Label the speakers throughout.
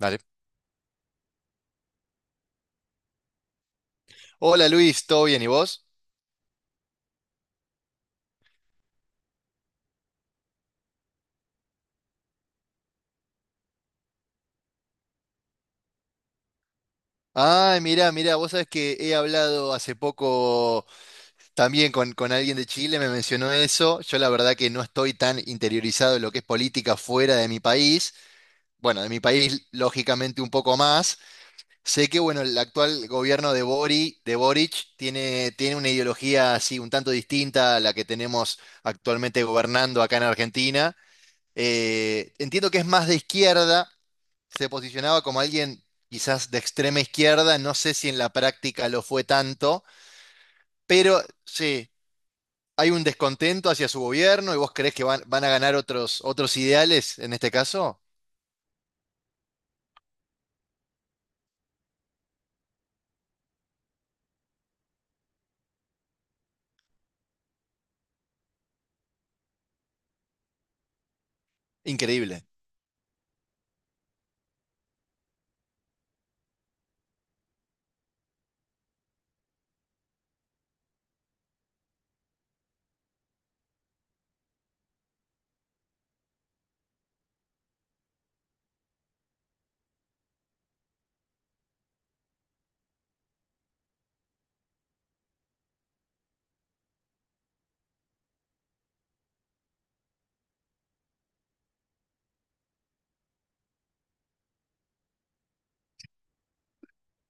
Speaker 1: Dale. Hola Luis, ¿todo bien? ¿Y vos? Ah, mira, mira, vos sabés que he hablado hace poco también con alguien de Chile, me mencionó eso. Yo la verdad que no estoy tan interiorizado en lo que es política fuera de mi país. Bueno, de mi país lógicamente un poco más. Sé que bueno, el actual gobierno de Boric tiene una ideología así un tanto distinta a la que tenemos actualmente gobernando acá en Argentina. Entiendo que es más de izquierda. Se posicionaba como alguien quizás de extrema izquierda, no sé si en la práctica lo fue tanto, pero sí, hay un descontento hacia su gobierno y vos creés que van a ganar otros ideales en este caso. Increíble.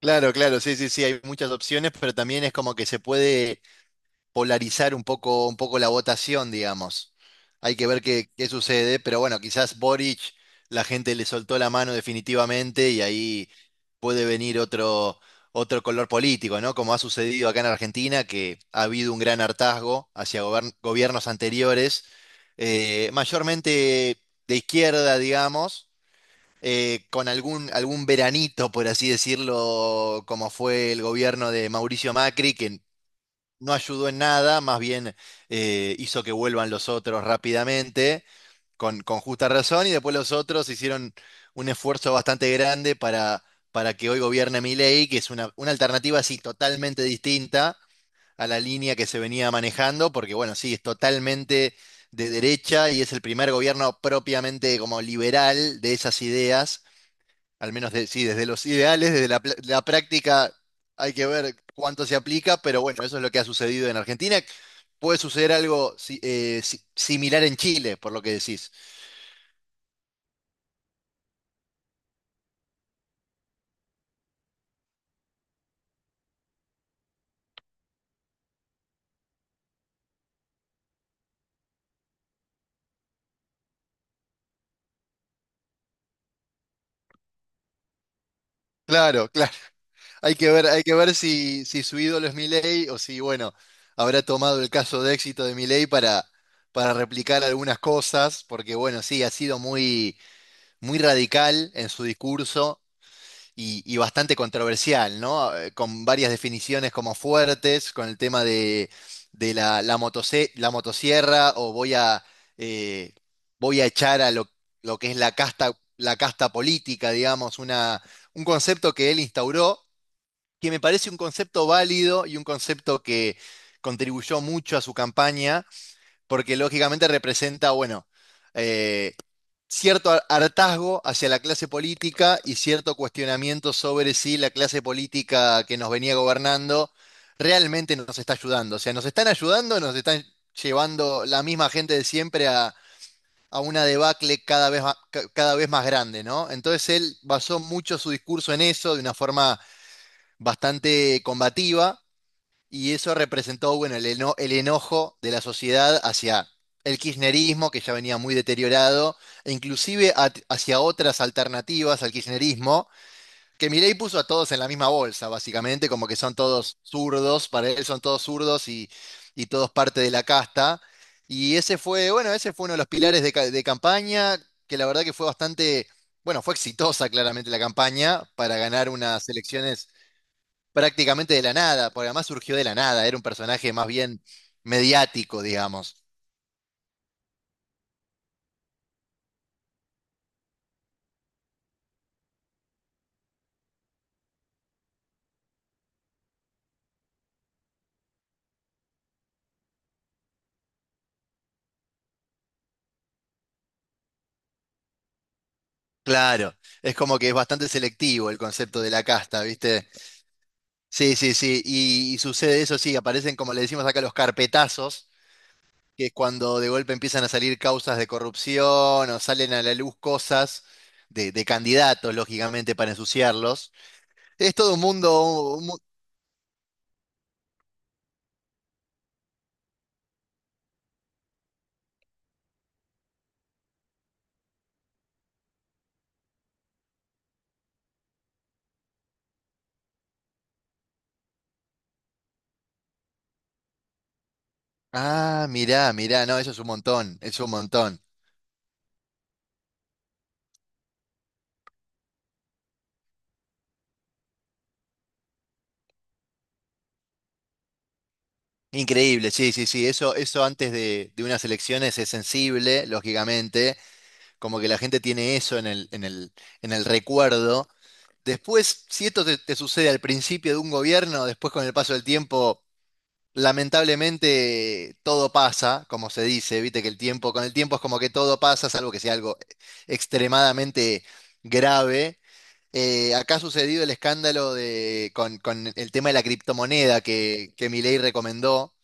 Speaker 1: Claro, claro, sí, sí, sí, hay muchas opciones, pero también es como que se puede polarizar un poco la votación, digamos. Hay que ver qué sucede, pero bueno, quizás Boric, la gente le soltó la mano definitivamente y ahí puede venir otro color político, ¿no? Como ha sucedido acá en Argentina, que ha habido un gran hartazgo hacia gobiernos anteriores, mayormente de izquierda, digamos. Con algún veranito, por así decirlo, como fue el gobierno de Mauricio Macri, que no ayudó en nada, más bien hizo que vuelvan los otros rápidamente, con justa razón, y después los otros hicieron un esfuerzo bastante grande para que hoy gobierne Milei, que es una alternativa así totalmente distinta a la línea que se venía manejando, porque bueno, sí, es totalmente de derecha y es el primer gobierno propiamente como liberal de esas ideas al menos, sí, desde los ideales, desde la práctica hay que ver cuánto se aplica, pero bueno, eso es lo que ha sucedido en Argentina. Puede suceder algo similar en Chile, por lo que decís. Claro, claro. Hay que ver si su ídolo es Milei o si, bueno, habrá tomado el caso de éxito de Milei para replicar algunas cosas, porque bueno, sí, ha sido muy, muy radical en su discurso y bastante controversial, ¿no? Con varias definiciones como fuertes, con el tema de la motosierra o eh, voy a echar a lo que es la casta política, digamos, un concepto que él instauró, que me parece un concepto válido y un concepto que contribuyó mucho a su campaña porque lógicamente representa, bueno, eh, cierto hartazgo hacia la clase política y cierto cuestionamiento sobre si la clase política que nos venía gobernando realmente nos está ayudando. O sea, nos están ayudando, o nos están llevando la misma gente de siempre a una debacle cada vez más, cada vez más grande, ¿no? Entonces él basó mucho su discurso en eso, de una forma bastante combativa. Y eso representó, bueno, el enojo de la sociedad hacia el kirchnerismo, que ya venía muy deteriorado, e inclusive hacia otras alternativas al kirchnerismo, que Milei puso a todos en la misma bolsa, básicamente, como que son todos zurdos, para él son todos zurdos y todos parte de la casta. Y ese fue, bueno, ese fue uno de los pilares de campaña, que la verdad que fue bastante, bueno, fue exitosa claramente la campaña para ganar unas elecciones prácticamente de la nada, porque además surgió de la nada, era un personaje más bien mediático, digamos. Claro, es como que es bastante selectivo el concepto de la casta, ¿viste? Sí, sí, sí, y sucede eso, sí, aparecen como le decimos acá los carpetazos, que es cuando de golpe empiezan a salir causas de corrupción o salen a la luz cosas de candidatos, lógicamente, para ensuciarlos. Es todo un mundo... un mu- Ah, mirá, mirá, no, eso es un montón, es un montón. Increíble, sí, sí, sí. Eso antes de unas elecciones es sensible, lógicamente, como que la gente tiene eso en el recuerdo. Después, si esto te sucede al principio de un gobierno, después con el paso del tiempo, lamentablemente todo pasa, como se dice, viste que el tiempo, con el tiempo es como que todo pasa, salvo que sea algo extremadamente grave. Acá ha sucedido el escándalo con el tema de la criptomoneda que Milei recomendó,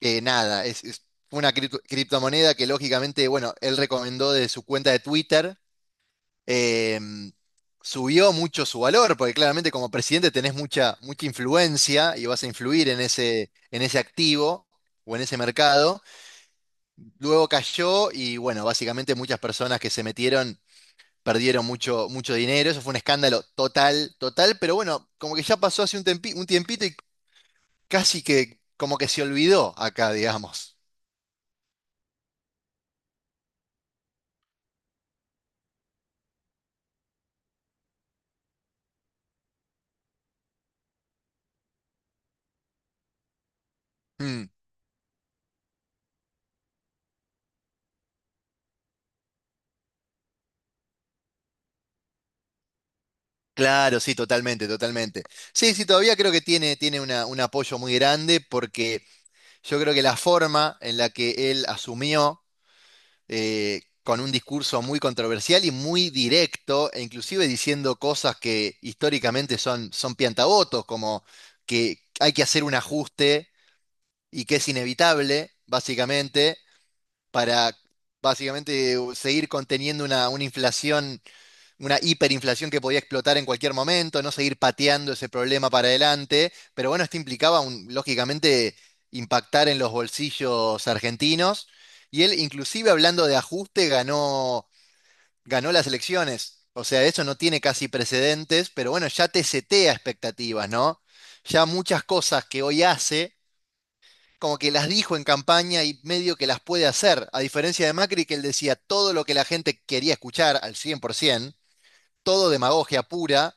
Speaker 1: que nada, es una criptomoneda que lógicamente, bueno, él recomendó de su cuenta de Twitter. eh, Subió mucho su valor, porque claramente como presidente tenés mucha influencia y vas a influir en en ese activo o en ese mercado. Luego cayó y bueno, básicamente muchas personas que se metieron perdieron mucho, mucho dinero. Eso fue un escándalo total, total, pero bueno, como que ya pasó hace un tiempito y casi que como que se olvidó acá, digamos. Hmm. Claro, sí, totalmente, totalmente. Sí, sí, todavía creo que tiene un apoyo muy grande porque yo creo que la forma en la que él asumió, con un discurso muy controversial y muy directo, e inclusive diciendo cosas que históricamente son piantabotos, como que hay que hacer un ajuste y que es inevitable, básicamente, para básicamente seguir conteniendo una inflación, una hiperinflación que podía explotar en cualquier momento, no seguir pateando ese problema para adelante, pero bueno, esto implicaba lógicamente impactar en los bolsillos argentinos y él inclusive hablando de ajuste ganó las elecciones. O sea, eso no tiene casi precedentes, pero bueno, ya te setea expectativas, ¿no? Ya muchas cosas que hoy hace, como que las dijo en campaña y medio que las puede hacer, a diferencia de Macri, que él decía todo lo que la gente quería escuchar al 100%, todo demagogia pura,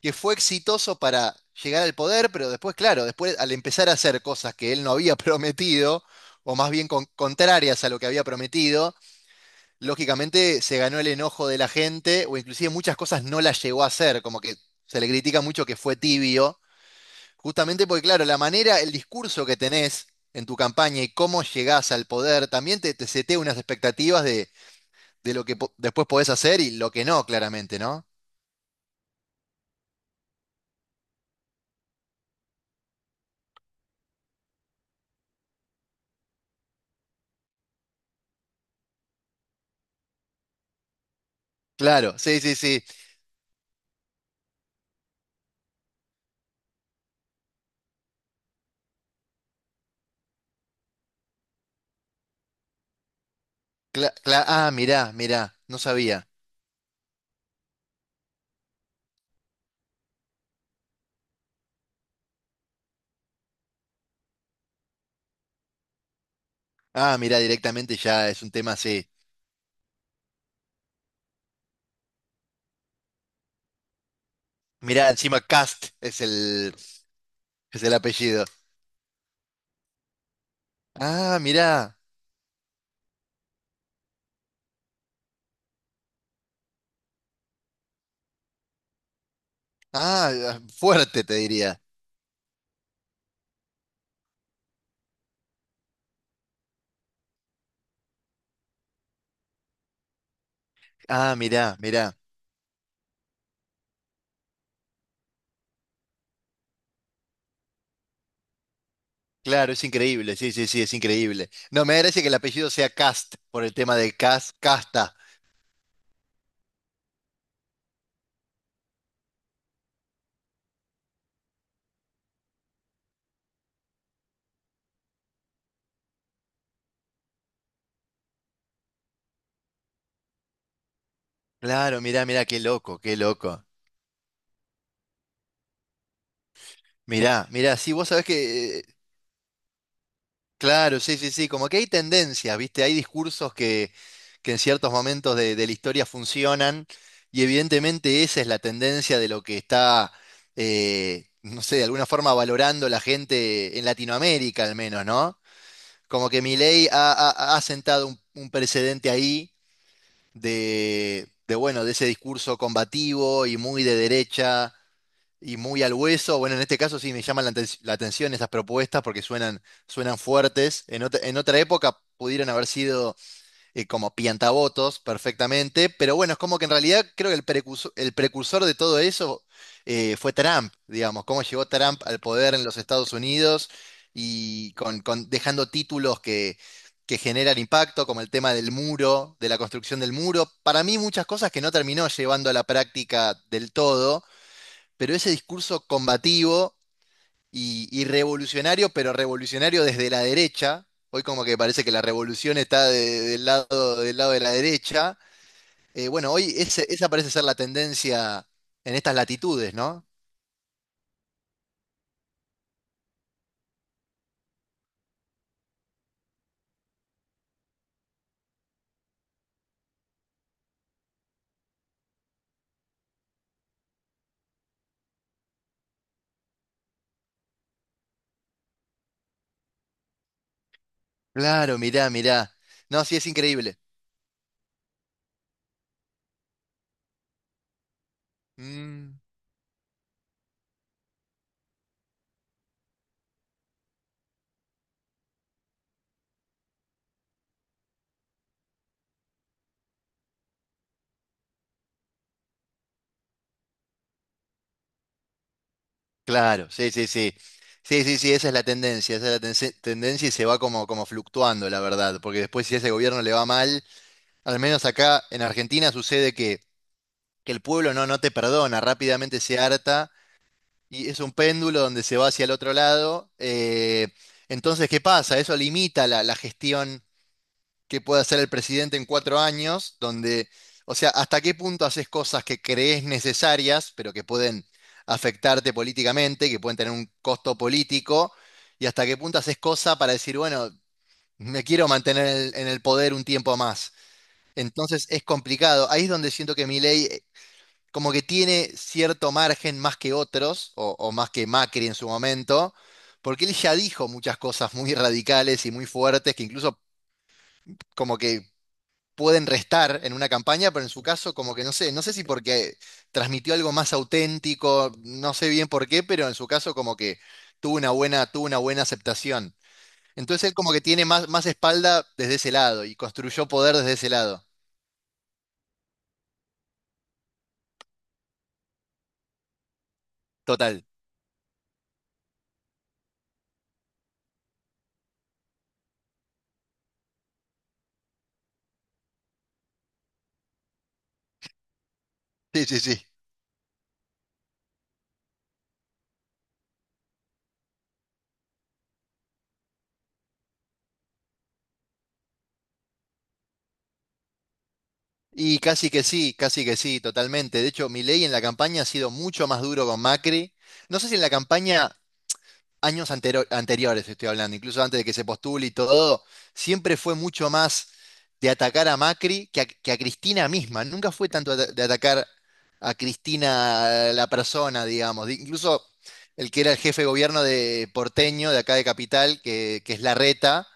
Speaker 1: que fue exitoso para llegar al poder, pero después, claro, después al empezar a hacer cosas que él no había prometido, o más bien contrarias a lo que había prometido, lógicamente se ganó el enojo de la gente, o inclusive muchas cosas no las llegó a hacer, como que se le critica mucho que fue tibio, justamente porque, claro, la manera, el discurso que tenés en tu campaña y cómo llegás al poder, también te setea unas expectativas de lo que después podés hacer y lo que no, claramente, ¿no? Claro, sí, sí, sí. Ah, mirá, mirá, no sabía. Ah, mirá, directamente ya es un tema así. Mirá, encima Cast es el apellido. Ah, mirá. Ah, ah, fuerte te diría. Ah, mirá, mirá. Claro, es increíble, sí, sí, sí, es increíble. No, me parece que el apellido sea Cast por el tema de Cast, Casta. Claro, mirá, mirá, qué loco, qué loco. Mirá, mirá, sí, vos sabés que. Claro, sí, sí, sí, como que hay tendencias, ¿viste? Hay discursos que en ciertos momentos de la historia funcionan y evidentemente esa es la tendencia de lo que está, no sé, de alguna forma valorando la gente en Latinoamérica al menos, ¿no? Como que Milei ha sentado un precedente ahí bueno, de ese discurso combativo y muy de derecha y muy al hueso. Bueno, en este caso sí me llaman la atención esas propuestas porque suenan fuertes. En otra época pudieron haber sido, como piantavotos perfectamente, pero bueno, es como que en realidad creo que el precursor de todo eso, fue Trump, digamos, cómo llegó Trump al poder en los Estados Unidos y dejando títulos que generan impacto, como el tema del muro, de la construcción del muro. Para mí muchas cosas que no terminó llevando a la práctica del todo, pero ese discurso combativo y revolucionario, pero revolucionario desde la derecha, hoy como que parece que la revolución está del lado de la derecha, bueno, hoy esa parece ser la tendencia en estas latitudes, ¿no? Claro, mirá, mirá. No, sí, es increíble. Mm, claro, sí, sí, sí. Sí, sí, sí, esa es la tendencia, esa es la tendencia y se va como fluctuando, la verdad, porque después si a ese gobierno le va mal, al menos acá en Argentina sucede que el pueblo no, no te perdona, rápidamente se harta y es un péndulo donde se va hacia el otro lado. Entonces, ¿qué pasa? Eso limita la gestión que puede hacer el presidente en 4 años, donde, o sea, ¿hasta qué punto haces cosas que crees necesarias, pero que pueden afectarte políticamente, que pueden tener un costo político? ¿Y hasta qué punto haces cosas para decir, bueno, me quiero mantener en el poder un tiempo más? Entonces es complicado. Ahí es donde siento que mi ley, como que tiene cierto margen más que otros, o más que Macri en su momento, porque él ya dijo muchas cosas muy radicales y muy fuertes que incluso como que pueden restar en una campaña, pero en su caso como que no sé, no sé si porque transmitió algo más auténtico, no sé bien por qué, pero en su caso como que tuvo una buena aceptación. Entonces él como que tiene más espalda desde ese lado y construyó poder desde ese lado. Total. Sí, sí, sí. Y casi que sí, totalmente. De hecho, Milei en la campaña ha sido mucho más duro con Macri. No sé si en la campaña, años anteriores estoy hablando, incluso antes de que se postule y todo, siempre fue mucho más de atacar a Macri que a Cristina misma. Nunca fue tanto de atacar a Cristina, la persona, digamos. Incluso el que era el jefe de gobierno de porteño, de acá de Capital, que es Larreta,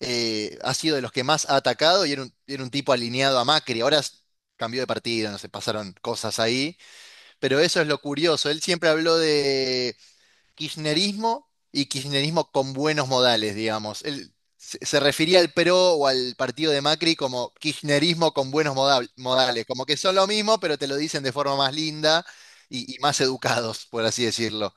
Speaker 1: ha sido de los que más ha atacado y era un tipo alineado a Macri. Ahora cambió de partido, no sé, pasaron cosas ahí, pero eso es lo curioso. Él siempre habló de kirchnerismo y kirchnerismo con buenos modales, digamos. Él se refería al PRO o al partido de Macri como kirchnerismo con buenos modales, como que son lo mismo, pero te lo dicen de forma más linda y más educados, por así decirlo.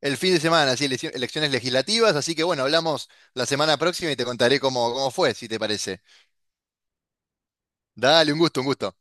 Speaker 1: El fin de semana, sí, elecciones legislativas, así que bueno, hablamos la semana próxima y te contaré cómo fue, si te parece. Dale, un gusto, un gusto.